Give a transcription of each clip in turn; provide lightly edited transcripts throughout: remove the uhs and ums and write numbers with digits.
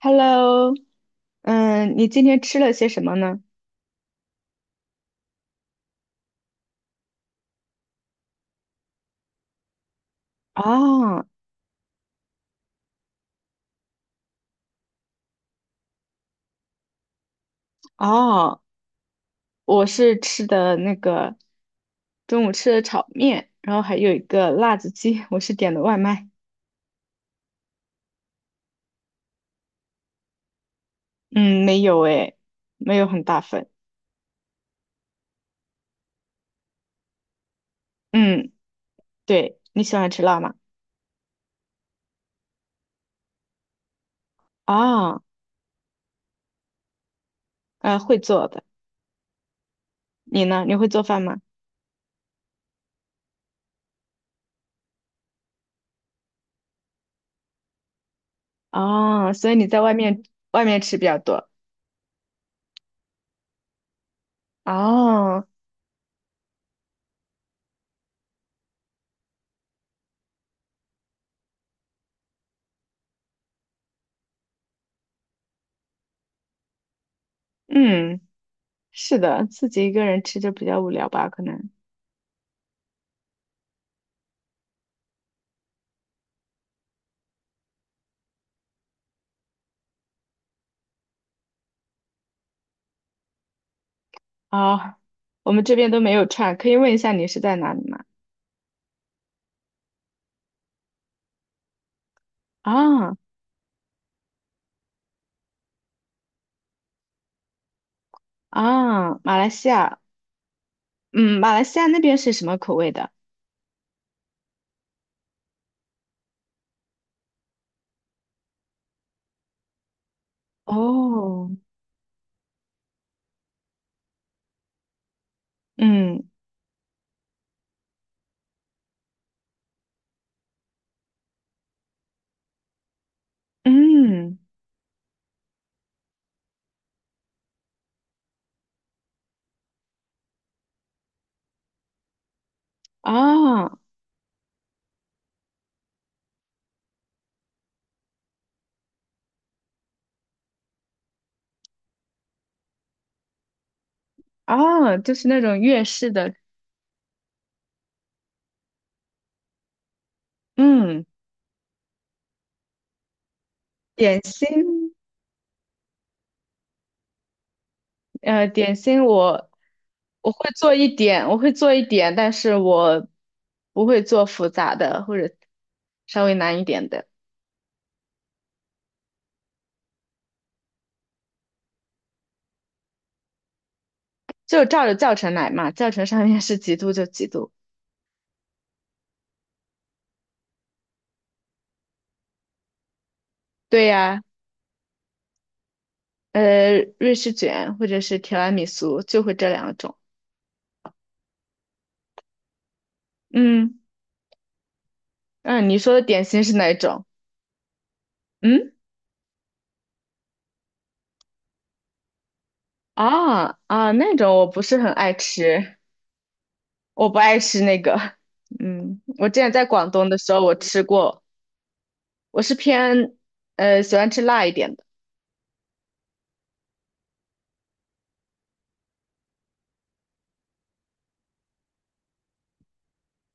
Hello。你今天吃了些什么呢？哦哦，我是吃的那个中午吃的炒面，然后还有一个辣子鸡，我是点的外卖。嗯，没有诶，没有很大份。嗯，对，你喜欢吃辣吗？啊，会做的。你呢？你会做饭吗？哦，所以你在外面吃比较多。哦，嗯，是的，自己一个人吃就比较无聊吧，可能。啊，我们这边都没有串，可以问一下你是在哪里吗？啊啊，马来西亚，嗯，马来西亚那边是什么口味的？哦，嗯嗯，啊啊，就是那种粤式的，嗯，点心，点心我会做一点，但是我不会做复杂的或者稍微难一点的，就照着教程来嘛，教程上面是几度就几度。对呀，瑞士卷或者是提拉米苏，就会这两种。嗯嗯，你说的点心是哪一种？嗯啊啊，那种我不是很爱吃，我不爱吃那个。嗯，我之前在广东的时候我吃过，我是偏喜欢吃辣一点的。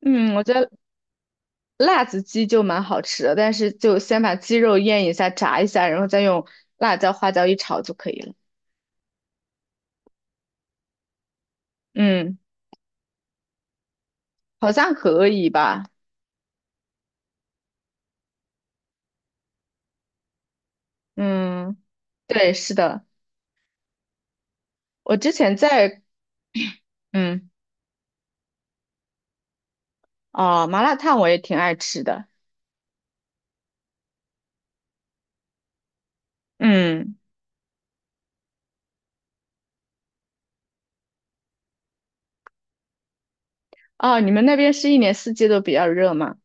嗯，我觉得辣子鸡就蛮好吃的，但是就先把鸡肉腌一下、炸一下，然后再用辣椒、花椒一炒就可以了。嗯，好像可以吧？嗯，对，是的。我之前在嗯哦麻辣烫我也挺爱吃的。嗯哦你们那边是一年四季都比较热吗？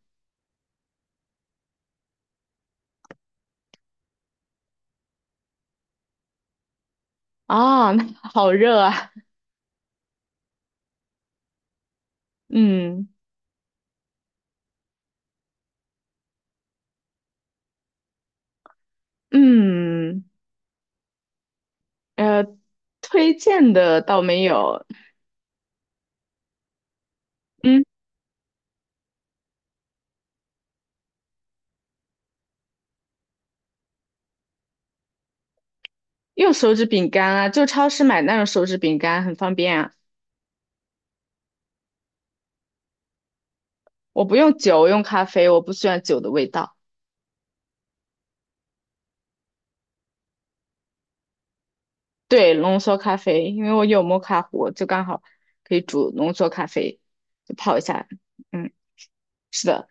啊、那好热啊，嗯嗯呃推荐的倒没有。嗯用手指饼干啊，就超市买那种手指饼干很方便啊。我不用酒，我用咖啡，我不喜欢酒的味道。对浓缩咖啡，因为我有摩卡壶，就刚好可以煮浓缩咖啡，就泡一下，嗯。是的。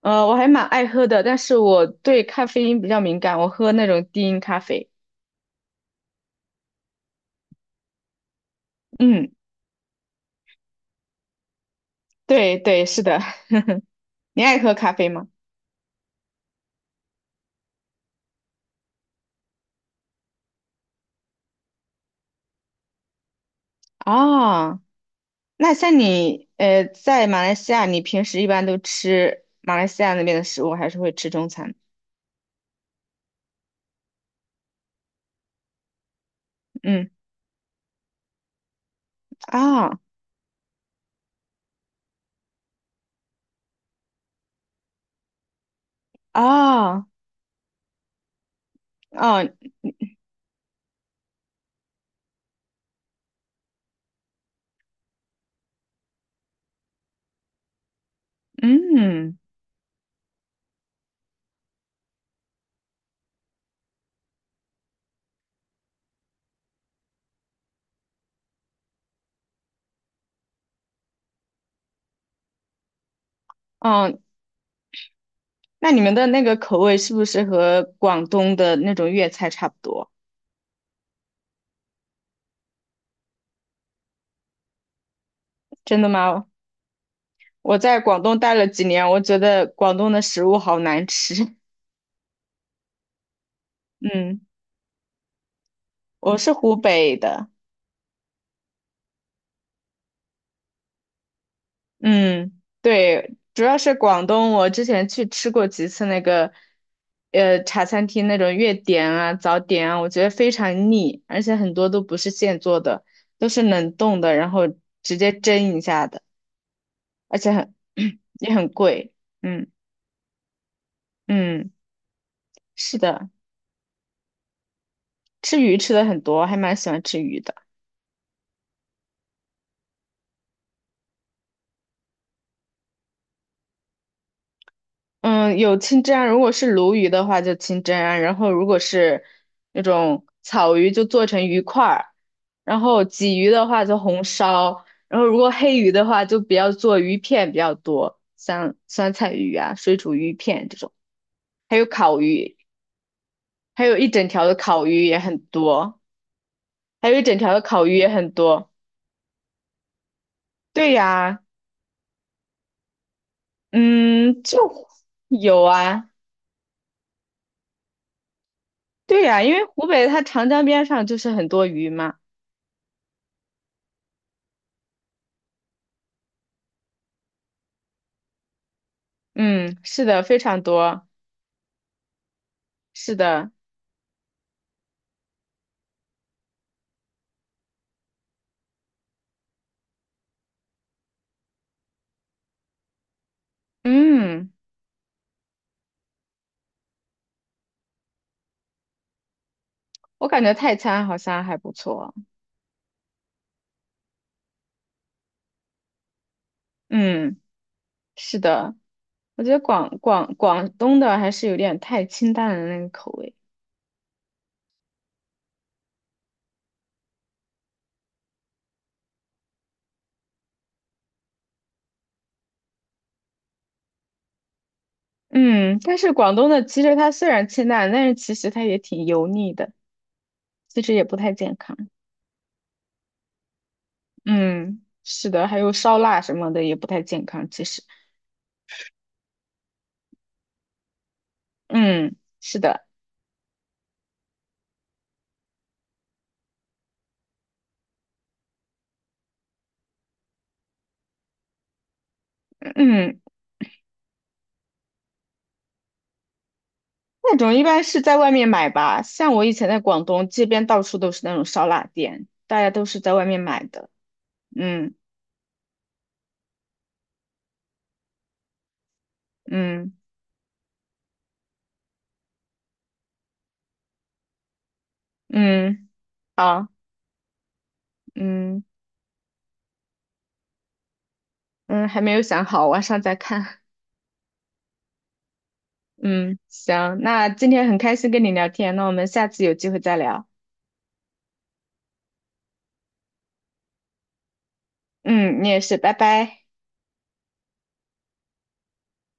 呃，我还蛮爱喝的，但是我对咖啡因比较敏感，我喝那种低因咖啡。嗯，对对，是的。你爱喝咖啡吗？啊，那像你在马来西亚，你平时一般都吃马来西亚那边的食物，还是会吃中餐？嗯，啊啊啊，嗯哦。那你们的那个口味是不是和广东的那种粤菜差不多？真的吗？我在广东待了几年，我觉得广东的食物好难吃。嗯，我是湖北的。嗯，对，主要是广东。我之前去吃过几次那个，呃，茶餐厅那种粤点啊、早点啊，我觉得非常腻，而且很多都不是现做的，都是冷冻的，然后直接蒸一下的，而且很 也很贵。嗯嗯，是的，吃鱼吃的很多，还蛮喜欢吃鱼的。嗯，有清蒸啊，如果是鲈鱼的话就清蒸啊，然后如果是那种草鱼就做成鱼块儿，然后鲫鱼的话就红烧，然后如果黑鱼的话就比较做鱼片比较多，像酸菜鱼啊、水煮鱼片这种，还有烤鱼，还有一整条的烤鱼也很多，还有一整条的烤鱼也很多。对呀，嗯，就有啊，对呀，因为湖北它长江边上就是很多鱼嘛。嗯，是的，非常多，是的，嗯，我感觉泰餐好像还不错。嗯，是的，我觉得广东的还是有点太清淡的那个口味。嗯，但是广东的其实它虽然清淡，但是其实它也挺油腻的，其实也不太健康。嗯，是的，还有烧腊什么的也不太健康，其实，嗯，是的，嗯。那种一般是在外面买吧，像我以前在广东这边，到处都是那种烧腊店，大家都是在外面买的。嗯嗯嗯，好，嗯嗯，还没有想好，晚上再看。嗯，行，那今天很开心跟你聊天，那我们下次有机会再聊。嗯，你也是，拜拜。